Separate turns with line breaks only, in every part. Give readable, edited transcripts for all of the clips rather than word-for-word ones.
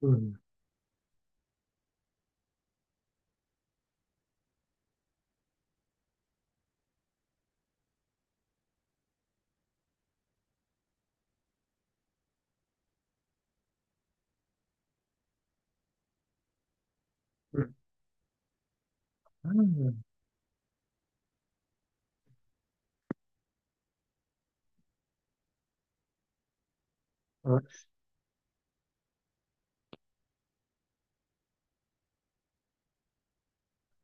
Hum, hum, hum, ouais,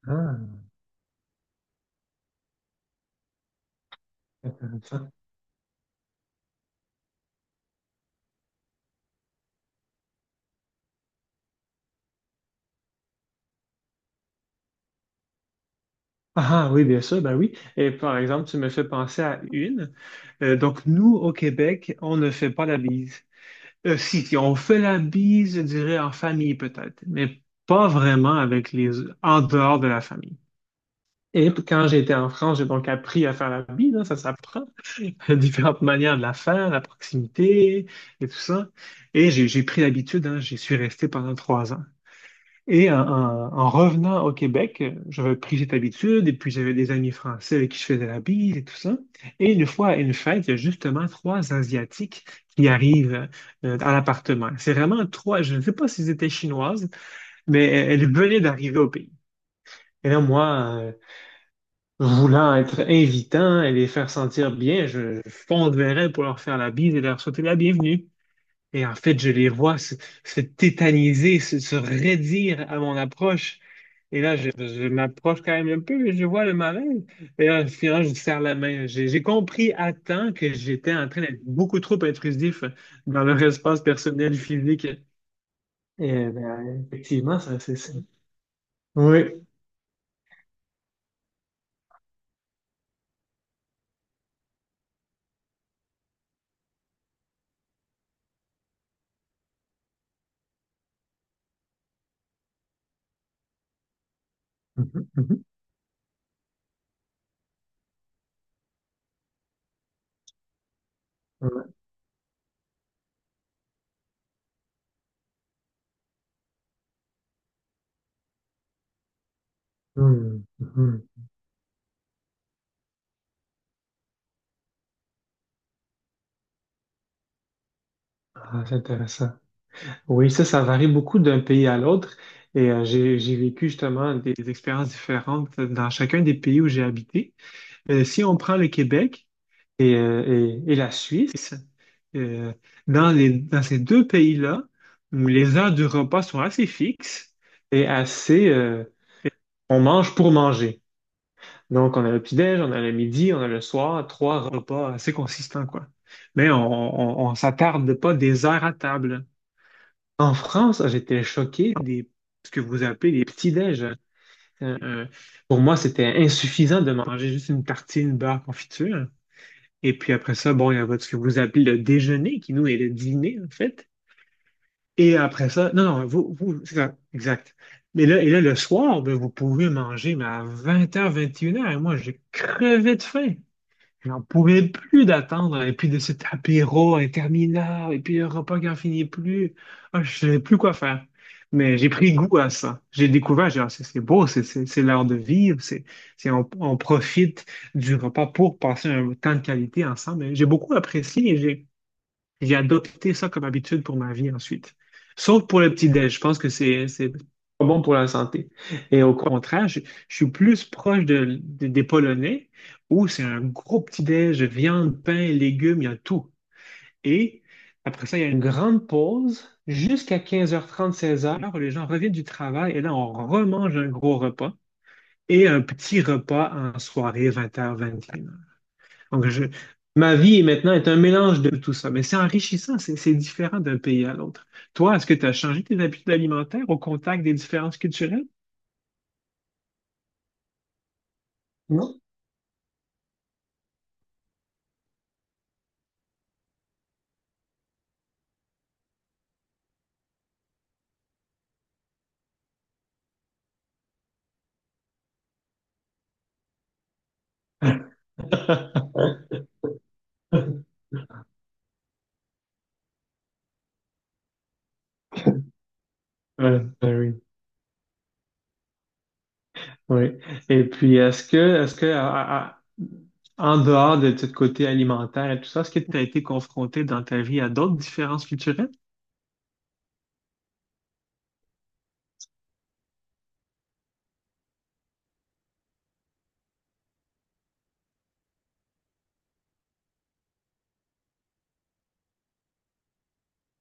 ah, intéressant. Ah, ah, oui, bien sûr, ben oui. Et par exemple, tu me fais penser à une. Donc, nous, au Québec, on ne fait pas la bise. Si, si, on fait la bise, je dirais, en famille peut-être, mais pas vraiment avec les, en dehors de la famille. Et quand j'étais en France, j'ai donc appris à faire la bise, hein, ça s'apprend. Différentes manières de la faire, la proximité et tout ça. Et j'ai pris l'habitude, hein, j'y suis resté pendant 3 ans. Et en revenant au Québec, j'avais pris cette habitude, et puis j'avais des amis français avec qui je faisais la bise et tout ça. Et une fois à une fête, il y a justement trois Asiatiques qui arrivent à l'appartement. C'est vraiment trois, je ne sais pas s'ils étaient chinoises, mais elles venaient d'arriver au pays. Et là, moi, voulant être invitant et les faire sentir bien, je fonds de verre pour leur faire la bise et leur souhaiter la bienvenue. Et en fait, je les vois se tétaniser, se raidir à mon approche. Et là, je m'approche quand même un peu, mais je vois le malaise. Et là, finalement, je serre la main. J'ai compris à temps que j'étais en train d'être beaucoup trop intrusif dans leur espace personnel physique. Et ben, effectivement, ça, c'est ça. Oui. Mhm, mhm, ouais. Mhm, mhm. Ah, c'est intéressant. Oui, ça varie beaucoup d'un pays à l'autre. Et j'ai vécu justement des expériences différentes dans chacun des pays où j'ai habité. Si on prend le Québec et, euh, et la Suisse, euh, dans ces deux pays-là, où les heures du repas sont assez fixes et on mange pour manger. Donc, on a le petit-déj, on a le midi, on a le soir, trois repas assez consistants, quoi. Mais on s'attarde pas des heures à table. En France, j'étais choqué des ce que vous appelez les petits-déj. Euh, euh, pour moi, c'était insuffisant de manger juste une tartine beurre confiture. Et puis après ça, bon, il y a ce que vous appelez le déjeuner, qui nous est le dîner, en fait. Et après ça, non, non, vous, c'est ça, exact. Mais là, et là, le soir, ben, vous pouvez manger, mais à 20h, 21h, et une heures, et moi, j'ai crevé de faim. J'en pouvais plus d'attendre, et puis de cet apéro interminable, et puis le repas qui n'en finit plus. Ah, je savais plus quoi faire. Mais j'ai pris goût à ça. J'ai découvert, j'ai dit, Ah, c'est beau, c'est l'heure de vivre, on profite du repas pour passer un temps de qualité ensemble. Et j'ai beaucoup apprécié, j'ai adopté ça comme habitude pour ma vie ensuite. Sauf pour le petit-déj. Je pense que c'est pas bon pour la santé. Et au contraire, je suis plus proche des Polonais où c'est un gros petit-déj, viande, pain, légumes, il y a tout. Et après ça, il y a une grande pause jusqu'à 15h30, 16h. Les gens reviennent du travail et là, on remange un gros repas et un petit repas en soirée, 20h vingt et une donc, ma vie maintenant est un mélange de tout ça, mais c'est enrichissant, c'est différent d'un pays à l'autre. Toi, est-ce que tu as changé tes habitudes alimentaires au contact des différences culturelles? Non? Ouais, ben oui. Oui. Et puis, en dehors de ce côté alimentaire et tout ça, est-ce que tu as été confronté dans ta vie à d'autres différences culturelles?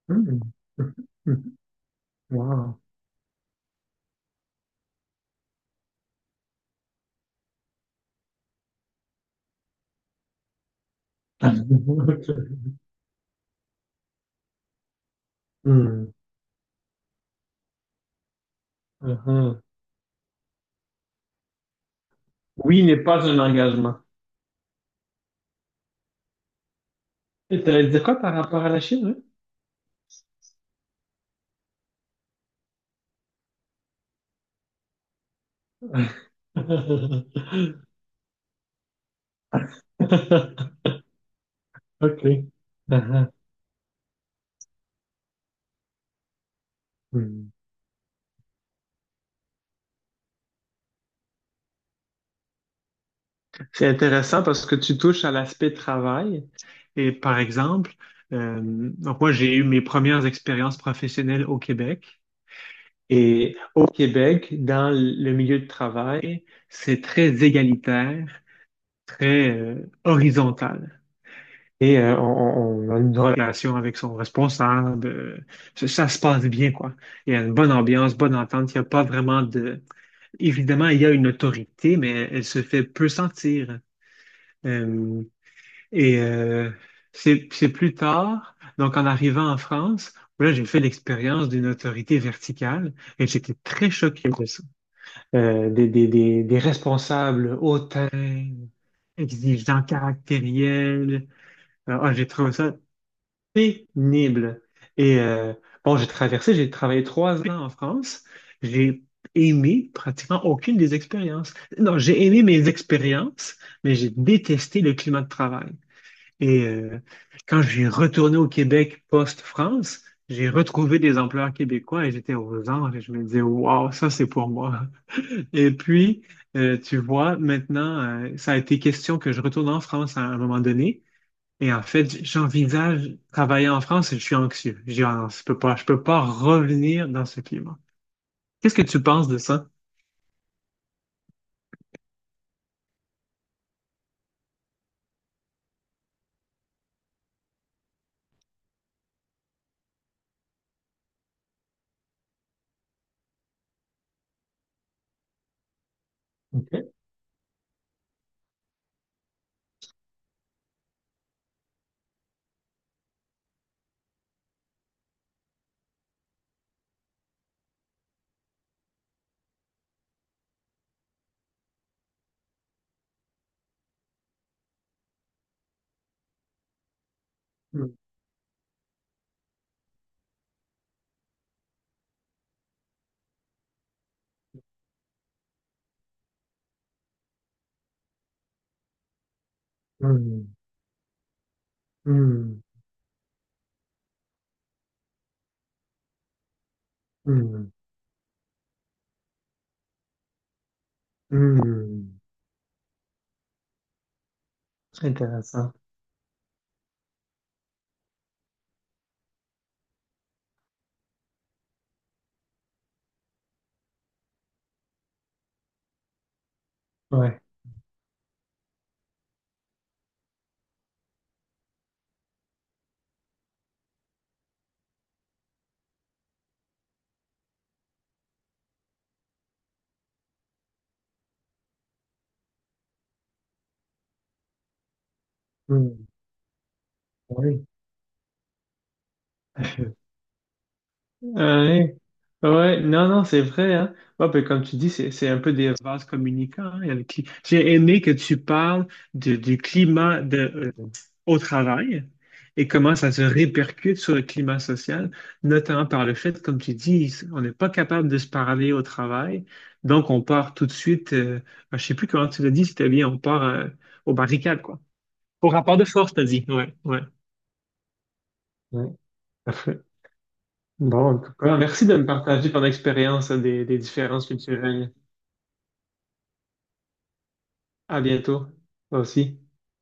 Hmm. Wow. Hmm. Uh-huh. Oui n'est pas un engagement. Et t'allais dire quoi par rapport à la Chine, oui? OK. Ah, ah. Hmm. C'est intéressant parce que tu touches à l'aspect travail. Et par exemple, donc moi, j'ai eu mes premières expériences professionnelles au Québec. Et au Québec, dans le milieu de travail, c'est très égalitaire, très horizontal. Et on a une relation avec son responsable. Ça, ça se passe bien, quoi. Il y a une bonne ambiance, bonne entente. Il n'y a pas vraiment de. Évidemment, il y a une autorité, mais elle se fait peu sentir. Euh, et c'est plus tard, donc en arrivant en France, là, j'ai fait l'expérience d'une autorité verticale et j'étais très choqué de ça. Des responsables hautains, exigeants, caractériels. Ah, j'ai trouvé ça pénible. Et bon, j'ai traversé, j'ai travaillé 3 ans en France. J'ai aimé pratiquement aucune des expériences. Non, j'ai aimé mes expériences, mais j'ai détesté le climat de travail. Et quand j'ai retourné au Québec post-France, j'ai retrouvé des employeurs québécois et j'étais aux anges et je me disais, waouh, ça c'est pour moi. Et puis, tu vois, maintenant, ça a été question que je retourne en France à un moment donné. Et en fait, j'envisage travailler en France et je suis anxieux. Je dis, ah non, je peux pas revenir dans ce climat. Qu'est-ce que tu penses de ça? Ok. Hmm, hmm, hmm, hmm, hmm. C'est intéressant. Ouais. Hmm. Oui. Ouais. Ouais. Non, non, c'est vrai, hein. Ouais, puis comme tu dis, c'est un peu des vases communicants. Hein, il y a le cli- j'ai aimé que tu parles du climat de, au travail et comment ça se répercute sur le climat social, notamment par le fait, comme tu dis, on n'est pas capable de se parler au travail. Donc, on part tout de suite, ah, je sais plus comment tu l'as dit, si tu bien, on part aux barricades, quoi. Au rapport de force, t'as dit. Ouais, ouais. Ouais, parfait. Bon, en tout cas, merci de me partager ton expérience des différences culturelles. À bientôt, toi aussi.